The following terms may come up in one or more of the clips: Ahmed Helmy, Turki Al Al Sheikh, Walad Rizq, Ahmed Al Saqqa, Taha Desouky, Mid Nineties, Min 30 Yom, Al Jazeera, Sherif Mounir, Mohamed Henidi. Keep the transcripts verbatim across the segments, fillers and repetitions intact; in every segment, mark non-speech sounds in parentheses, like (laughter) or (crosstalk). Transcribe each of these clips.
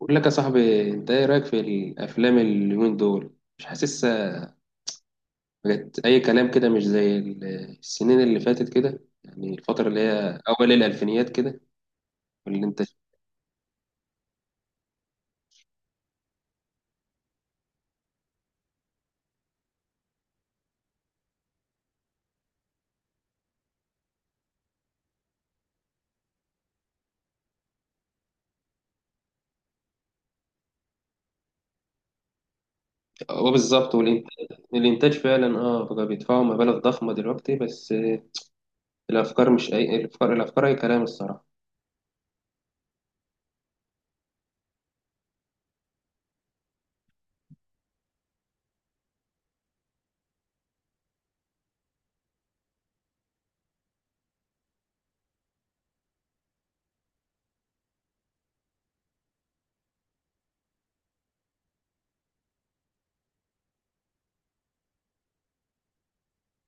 بقول لك يا صاحبي، انت ايه رايك في الافلام اليومين دول؟ مش حاسسها، بقت اي كلام كده، مش زي ال- السنين اللي فاتت كده، يعني الفتره اللي هي اول الالفينيات كده والانتاج. هو بالظبط، والانتاج، الانتاج فعلا اه بقى بيدفعوا مبالغ ضخمه دلوقتي، بس آه، الافكار مش اي، الافكار الافكار اي كلام الصراحه.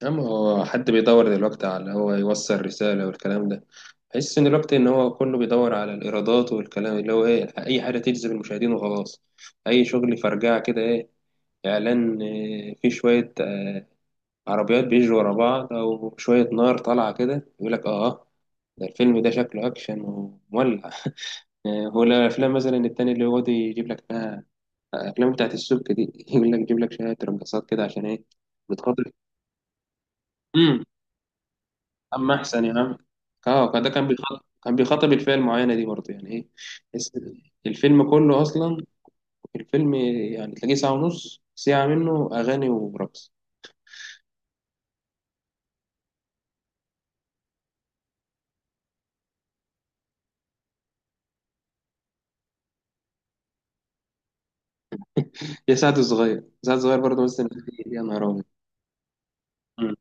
أما هو حد بيدور دلوقتي على هو يوصل رسالة والكلام ده؟ بحس إن الوقت، إن هو كله بيدور على الإيرادات والكلام، اللي هو إيه، أي حاجة تجذب المشاهدين وخلاص. أي شغل فرجعة كده، إيه، إعلان، آه، فيه شوية، آه، عربيات بيجروا ورا بعض أو شوية نار طالعة كده، يقول لك آه ده، الفيلم ده شكله أكشن ومولع. آه، هو الأفلام مثلا التاني اللي هو يجيب لك إنها الأفلام بتاعت السبك دي، (laughs) يقول لك يجيب لك شوية رقصات كده عشان إيه؟ بتخاطر. اما احسن يا عم. اه، كان- ده كان بيخاطب، كان بيخاطب الفئه المعينه دي برضه، يعني ايه؟ بس الفيلم كله اصلا، الفيلم يعني تلاقيه ساعه ونص ساعه منه اغاني ورقص. يا سعد الصغير، سعد الصغير برضه مثل فيه، يا نهار ابيض. مم.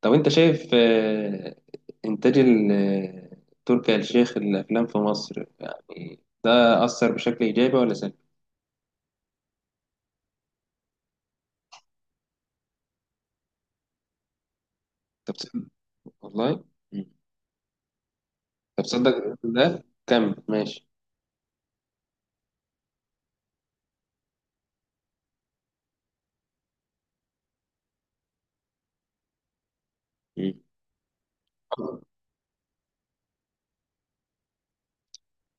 طب انت شايف، آه، انتاج ال- آه، تركي آل الشيخ الافلام في مصر، يعني ده اثر بشكل ايجابي ولا سلبي؟ طب تصدق- والله. مم. طب تصدق ده كمل ماشي. مم.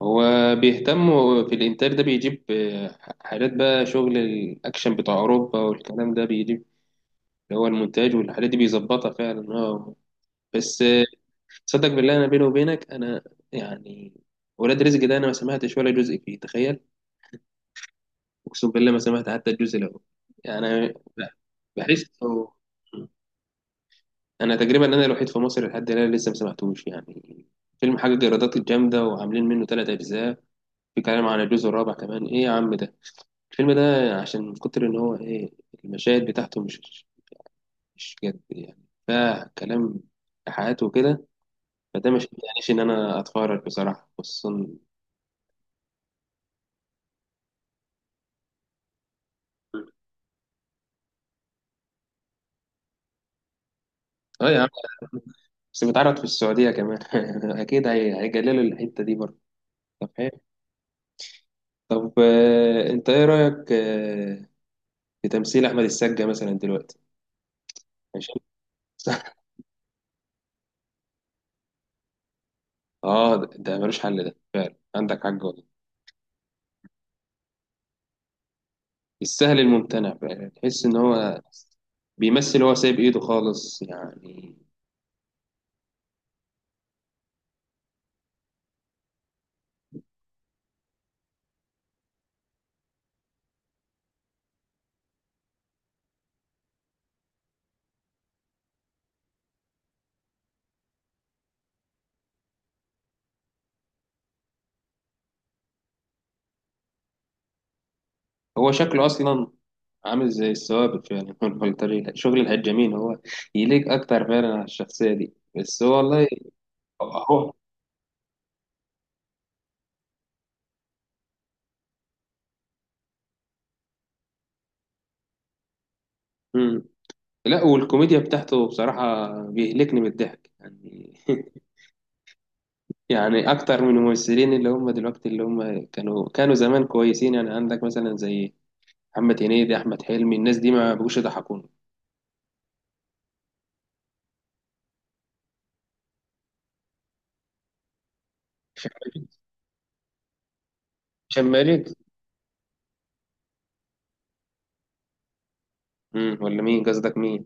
هو بيهتم في الإنتاج ده، بيجيب آه، حاجات بقى، شغل الأكشن بتاع أوروبا والكلام ده، بيجيب اللي هو المونتاج والحاجات دي بيظبطها فعلا اه. بس آه، صدق بالله، أنا بيني وبينك، أنا يعني ولاد رزق ده أنا ما سمعتش ولا جزء فيه، تخيل. أقسم بالله ما سمعت حتى الجزء الأول يعني. بحس أنا تقريبا أنا الوحيد في مصر لحد الآن لسه ما سمعتوش يعني. فيلم حاجة ايرادات جامدة وعاملين منه ثلاث أجزاء، بيتكلم عن الجزء الرابع كمان، ايه يا عم ده الفيلم ده؟ عشان من كتر ان هو ايه، المشاهد بتاعته مش مش جد يعني، فيها كلام حياته وكده، فده مش معنيش ان انا اتفرج بصراحه، خصوصا. اه يا عم، بس بيتعرض في السعوديه كمان (laughs) اكيد هي- هيجللوا الحته دي برضه. طب حلو. طب آه، انت ايه رايك آه، في تمثيل احمد السقا مثلا دلوقتي؟ ماشي. (laughs) اه، ده ده ملوش حل ده فعلا، عندك حق والله. السهل الممتنع بقى، تحس ان هو بيمثل، هو سايب ايده خالص يعني. هو شكله اصلا عامل زي الثوابت فعلا. (laughs) هو البلطجي، شغل الهجامين، هو يليق اكتر فعلا على الشخصيه دي، بس هو والله. هو. مم. لا، والكوميديا بتاعته بصراحه بيهلكني من الضحك يعني. (laughs) يعني اكتر من الممثلين اللي هم دلوقتي، اللي هم كانوا كانوا زمان كويسين، يعني عندك مثلا زي محمد هنيدي، احمد حلمي، الناس دي ما بقوش يضحكوني. (laughs) شمالين. امم، ولا مين، قصدك مين؟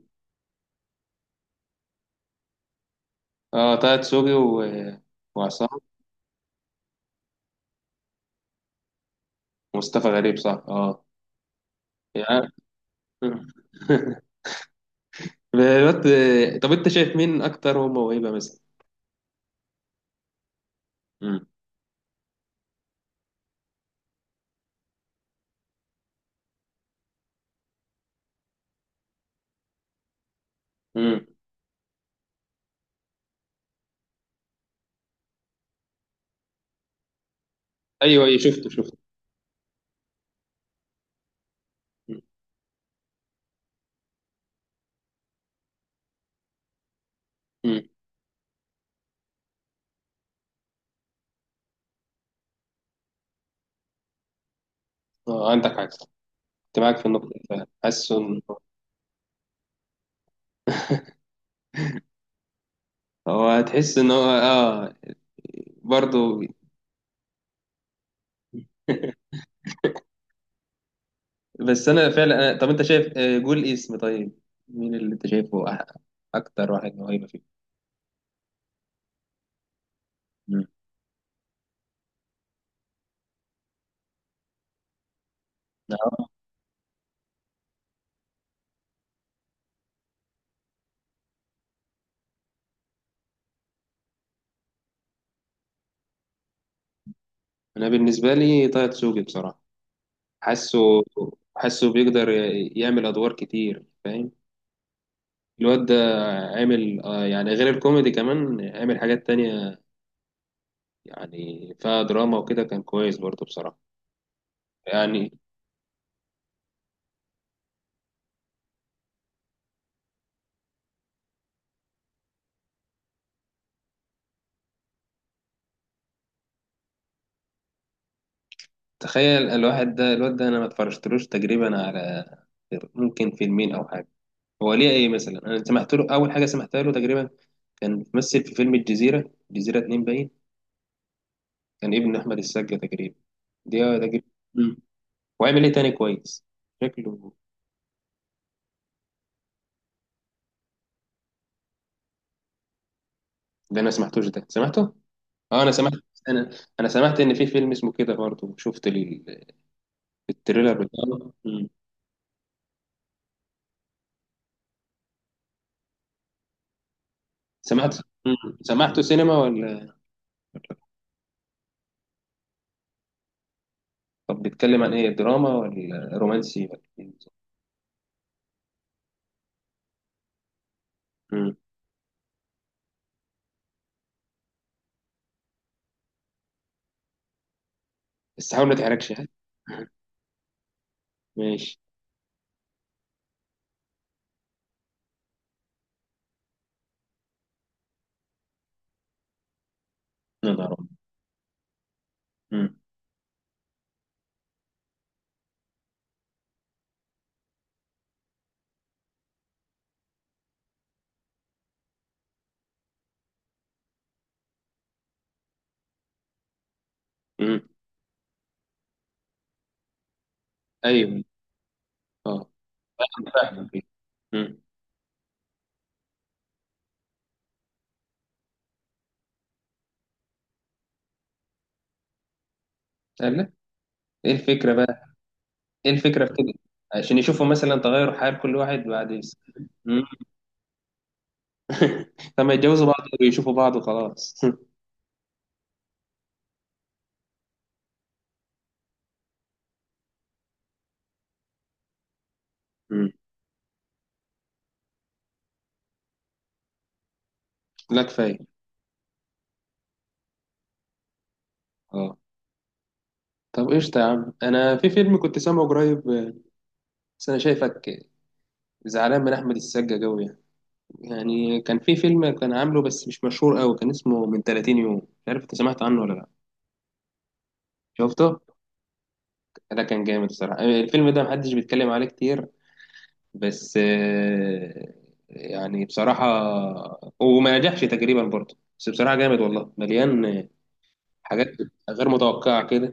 اه، طه دسوقي و... وعصام. ومصطفى غريب، صح اه. يعني. (laughs) بالوقت. طب انت شايف مين اكتر هو موهبه مثلا؟ امم. امم. ايوه ايوه، شفته شفته. امم. أمم. اه، عندك حاجه صح، كنت معاك في النقطه دي فعلا. حاسه ان هو، هتحس ان هو اه برضه. (laughs) بس انا فعلا، أنا... طب انت شايف، آه، قول اسم طيب، مين اللي انت شايفه أح... اكتر واحد موهبه فيه؟ امم. آه. انا بالنسبه لي طه دسوقي بصراحه، حاسه، حاسه بيقدر ي- يعمل ادوار كتير فاهم، الواد ده عامل آه، يعني غير الكوميدي كمان، عامل حاجات تانية يعني فيها دراما وكده، كان كويس برضه بصراحة يعني. تخيل الواحد ده، الواد ده انا ما اتفرجتلوش تقريبا على غير ممكن فيلمين او حاجة. هو ليه ايه مثلا، انا سمعت له اول حاجة سمعتها له تقريبا، كان ممثل في فيلم الجزيرة، الجزيرة اتنين باين، كان ابن احمد السقا تقريبا دي، آه، تقريبا. مم. وعمل ايه تاني كويس شكله؟ ده انا سمعتوش، ده سمعته اه، انا سمعت، انا انا سمعت ان في فيلم اسمه كده برضه، شفت ال- التريلر بتاعه. مم. سمعت. مم. سمعته سينما ولا؟ طب بيتكلم عن ايه، دراما ولا رومانسي ولا إيه بالظبط؟ مم. بس حاول ما تحرجش ها. ماشي. يا نهار أبيض. مم. مم. ايوه. اه. أنا فاهمك. مم. قال لك ايه الفكره بقى؟ ايه الفكره في كده؟ عشان يشوفوا مثلا تغير حال كل واحد بعد س- مم. (laughs) لما يتجوزوا بعض ويشوفوا بعض وخلاص. (laughs) مم. لا كفايه. اه. طب قشطة يا عم، أنا في فيلم كنت سامعه قريب، آه، بس أنا شايفك زعلان من أحمد السقا أوي يعني، يعني كان في فيلم كان عامله بس مش مشهور أوي، كان اسمه من 30 يوم، مش عارف أنت سمعت عنه ولا لأ؟ شفته؟ ده كان جامد الصراحة، آه، الفيلم ده محدش بيتكلم عليه كتير، بس آه، يعني بصراحة، وما نجحش تقريبا برضه، بس بصراحة جامد والله، مليان آه، حاجات غير متوقعة كده.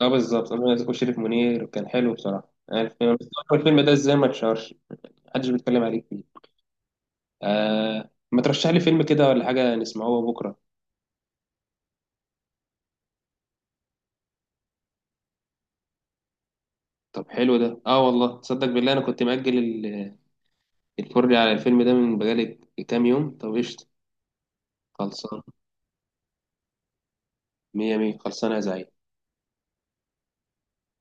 اه بالظبط، أنا شريف منير كان حلو بصراحة الفيلم. الفيلم ده ازاي ما اتشهرش؟ محدش بيتكلم عليك فيه. آه، ما ترشح لي فيلم كده ولا حاجة نسمعوه بكرة. طب حلو ده، اه والله، تصدق بالله انا كنت مأجل ال- الفرجة على الفيلم ده من بقالي كام يوم. طب قشطة، خلصان، مية مية، خلصانة يا زعيم.